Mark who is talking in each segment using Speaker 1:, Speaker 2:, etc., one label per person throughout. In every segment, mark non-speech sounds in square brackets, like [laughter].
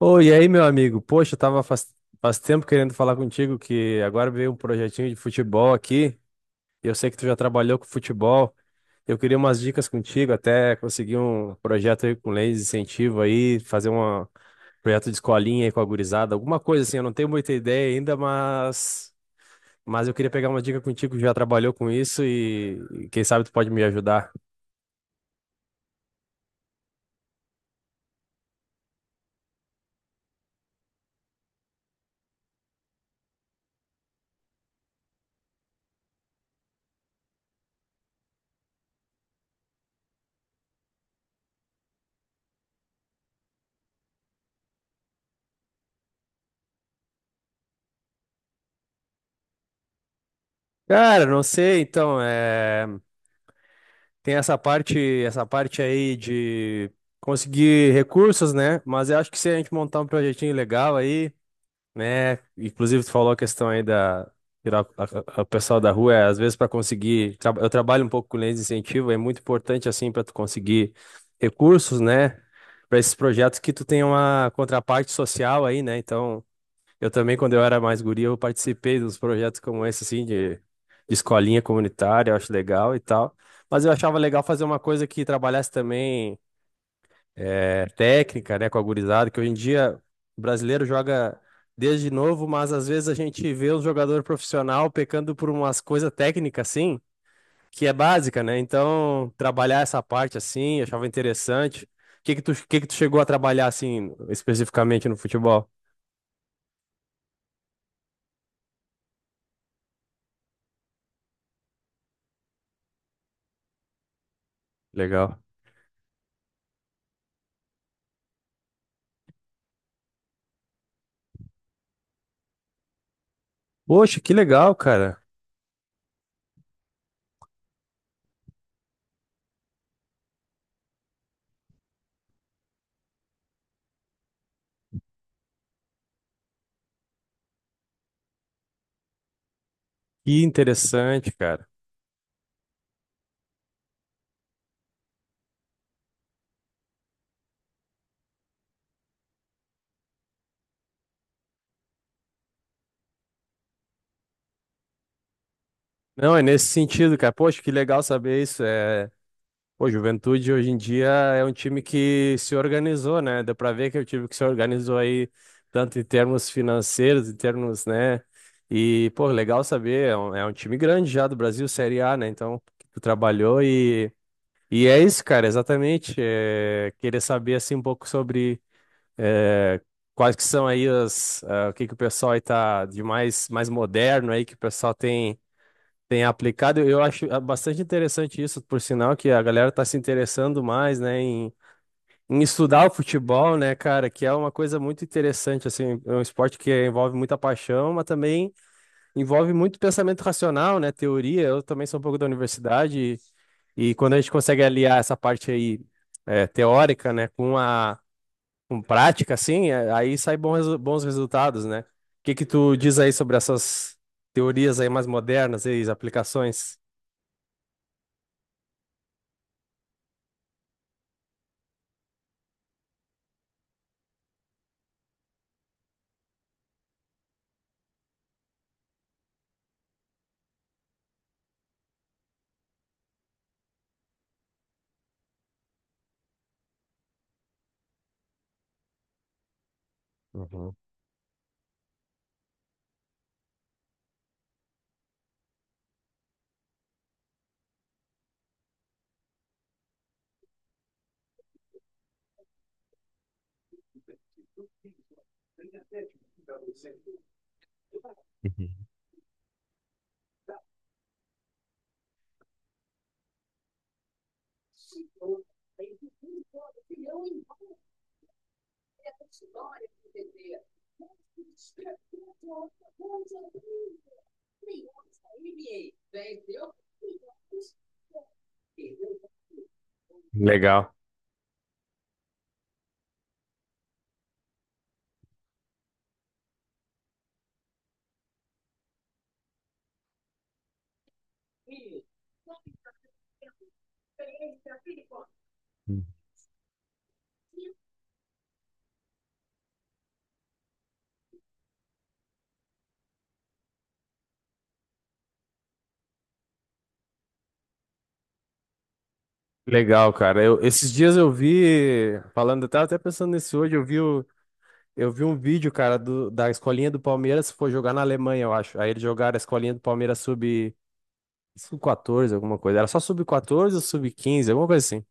Speaker 1: Oi, e aí, meu amigo? Poxa, eu tava faz tempo querendo falar contigo que agora veio um projetinho de futebol aqui. Eu sei que tu já trabalhou com futebol. Eu queria umas dicas contigo, até conseguir um projeto aí com leis de incentivo aí, fazer um projeto de escolinha aí com a gurizada, alguma coisa assim. Eu não tenho muita ideia ainda, mas eu queria pegar uma dica contigo que já trabalhou com isso e quem sabe tu pode me ajudar. Cara, não sei, então, é. Tem essa parte aí de conseguir recursos, né? Mas eu acho que se a gente montar um projetinho legal aí, né? Inclusive, tu falou a questão aí da tirar o pessoal da rua, é, às vezes para conseguir. Eu trabalho um pouco com leis de incentivo, é muito importante assim para tu conseguir recursos, né? Para esses projetos que tu tem uma contraparte social aí, né? Então. Eu também, quando eu era mais guri, eu participei dos projetos como esse, assim, de escolinha comunitária, eu acho legal e tal. Mas eu achava legal fazer uma coisa que trabalhasse também técnica, né, com a gurizada, que hoje em dia o brasileiro joga desde novo, mas às vezes a gente vê um jogador profissional pecando por umas coisas técnicas, assim, que é básica, né? Então, trabalhar essa parte, assim, eu achava interessante. O que que tu chegou a trabalhar, assim, especificamente no futebol? Legal. Poxa, que legal, cara. Que interessante, cara. Não, é nesse sentido, cara. Poxa, que legal saber isso. É... Pô, Juventude hoje em dia é um time que se organizou, né? Deu pra ver que é um time que se organizou aí, tanto em termos financeiros, em termos, né? E, pô, legal saber. É um time grande já do Brasil, Série A, né? Então, que tu trabalhou e é isso, cara, exatamente. É... Querer saber, assim, um pouco sobre. é, Quais que são aí o que que o pessoal aí tá de mais moderno aí, que o pessoal tem tem aplicado, eu acho bastante interessante isso, por sinal que a galera tá se interessando mais, né, em estudar o futebol, né, cara, que é uma coisa muito interessante, assim, é um esporte que envolve muita paixão, mas também envolve muito pensamento racional, né, teoria, eu também sou um pouco da universidade, e quando a gente consegue aliar essa parte aí teórica, né, com a com prática, assim, é, aí sai bons resultados, né. O que que tu diz aí sobre essas teorias aí mais modernas e as aplicações? Legal. Legal, cara. Esses dias eu eu tava até pensando nisso hoje, eu vi um vídeo, cara, da escolinha do Palmeiras, foi jogar na Alemanha, eu acho. Aí eles jogaram a escolinha do Palmeiras sub 14, alguma coisa. Era só sub 14 ou sub 15 alguma coisa assim.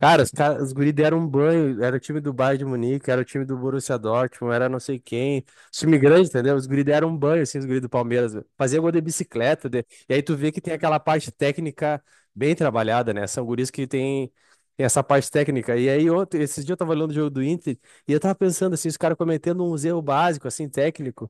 Speaker 1: Cara, os guri deram um banho. Era o time do Bayern de Munique, era o time do Borussia Dortmund, era não sei quem. Os time grande, entendeu? Os guri deram um banho, assim, os guri do Palmeiras, velho. Fazia gol de bicicleta. E aí tu vê que tem aquela parte técnica bem trabalhada, né? São tem essa parte técnica. E aí, ontem, esses dias eu tava olhando o jogo do Inter e eu tava pensando, assim, os caras cometendo uns erros básicos, assim, técnico.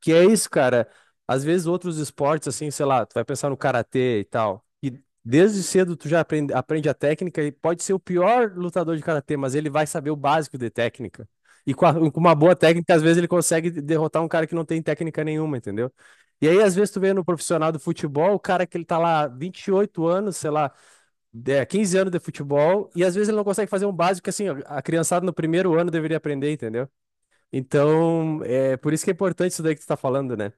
Speaker 1: Que é isso, cara. Às vezes outros esportes, assim, sei lá, tu vai pensar no karatê e tal. E desde cedo tu aprende a técnica e pode ser o pior lutador de karatê, mas ele vai saber o básico de técnica. E com uma boa técnica, às vezes ele consegue derrotar um cara que não tem técnica nenhuma, entendeu? E aí, às vezes, tu vê no profissional do futebol, o cara que ele tá lá 28 anos, sei lá, 15 anos de futebol, e às vezes ele não consegue fazer um básico que, assim, a criançada no primeiro ano deveria aprender, entendeu? Então, é por isso que é importante isso daí que tu tá falando, né?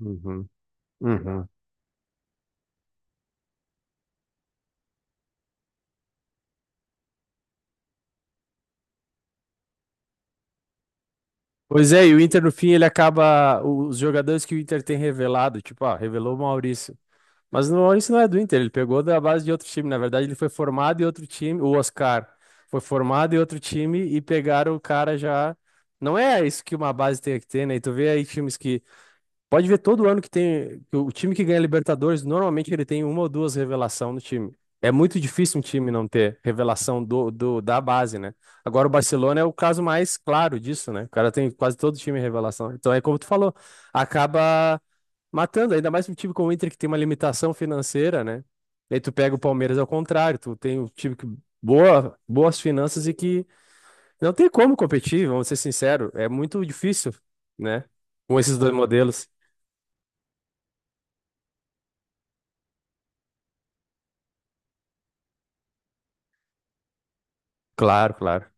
Speaker 1: Uhum, uhum. Pois é, e o Inter no fim ele acaba. Os jogadores que o Inter tem revelado, tipo, ah, revelou o Maurício. Mas o Maurício não é do Inter, ele pegou da base de outro time. Na verdade, ele foi formado em outro time. O Oscar foi formado em outro time e pegaram o cara já. Não é isso que uma base tem que ter, né? E tu vê aí times que pode ver todo ano que tem. O time que ganha Libertadores, normalmente ele tem uma ou duas revelação no time. É muito difícil um time não ter revelação da base, né? Agora o Barcelona é o caso mais claro disso, né? O cara tem quase todo time revelação. Então é como tu falou, acaba matando, ainda mais um time como o Inter que tem uma limitação financeira, né? E aí tu pega o Palmeiras ao contrário, tu tem um time que boas finanças e que não tem como competir, vamos ser sinceros, é muito difícil, né? Com esses dois modelos. Claro, claro.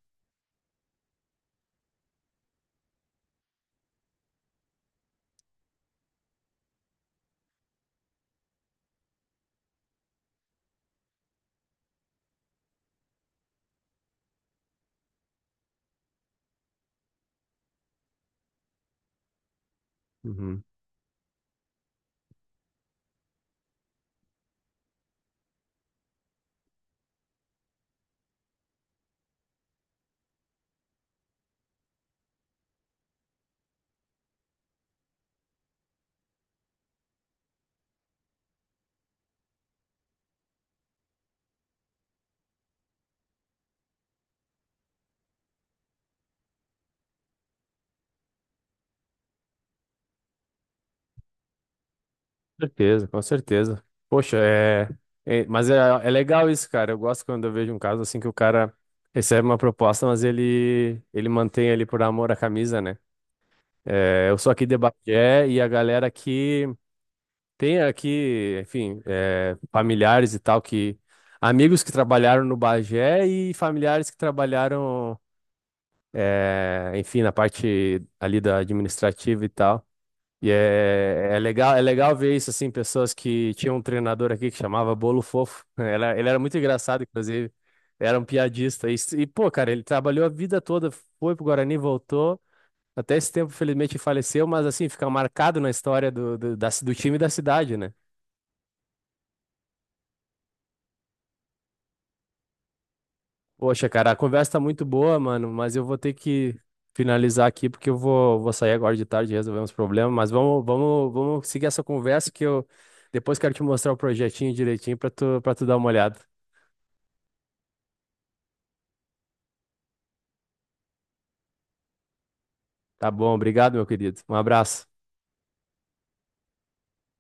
Speaker 1: Uhum. Com certeza, com certeza. Poxa, é... Mas é legal isso, cara. Eu gosto quando eu vejo um caso assim que o cara recebe uma proposta, mas ele mantém ali por amor à camisa, né? É, eu sou aqui de Bagé e a galera aqui tem aqui, enfim, é, familiares e tal, que... Amigos que trabalharam no Bagé e familiares que trabalharam, é, enfim, na parte ali da administrativa e tal. E é, é legal ver isso, assim, pessoas que tinham um treinador aqui que chamava Bolo Fofo. [laughs] Ele era muito engraçado, inclusive. Era um piadista. Pô, cara, ele trabalhou a vida toda, foi pro Guarani, voltou. Até esse tempo, felizmente, faleceu, mas assim, fica marcado na história do time e da cidade, né? Poxa, cara, a conversa tá muito boa, mano, mas eu vou ter que finalizar aqui porque eu vou sair agora de tarde e resolver uns problemas, mas vamos seguir essa conversa que eu depois quero te mostrar o projetinho direitinho para tu dar uma olhada. Tá bom, obrigado, meu querido. Um abraço.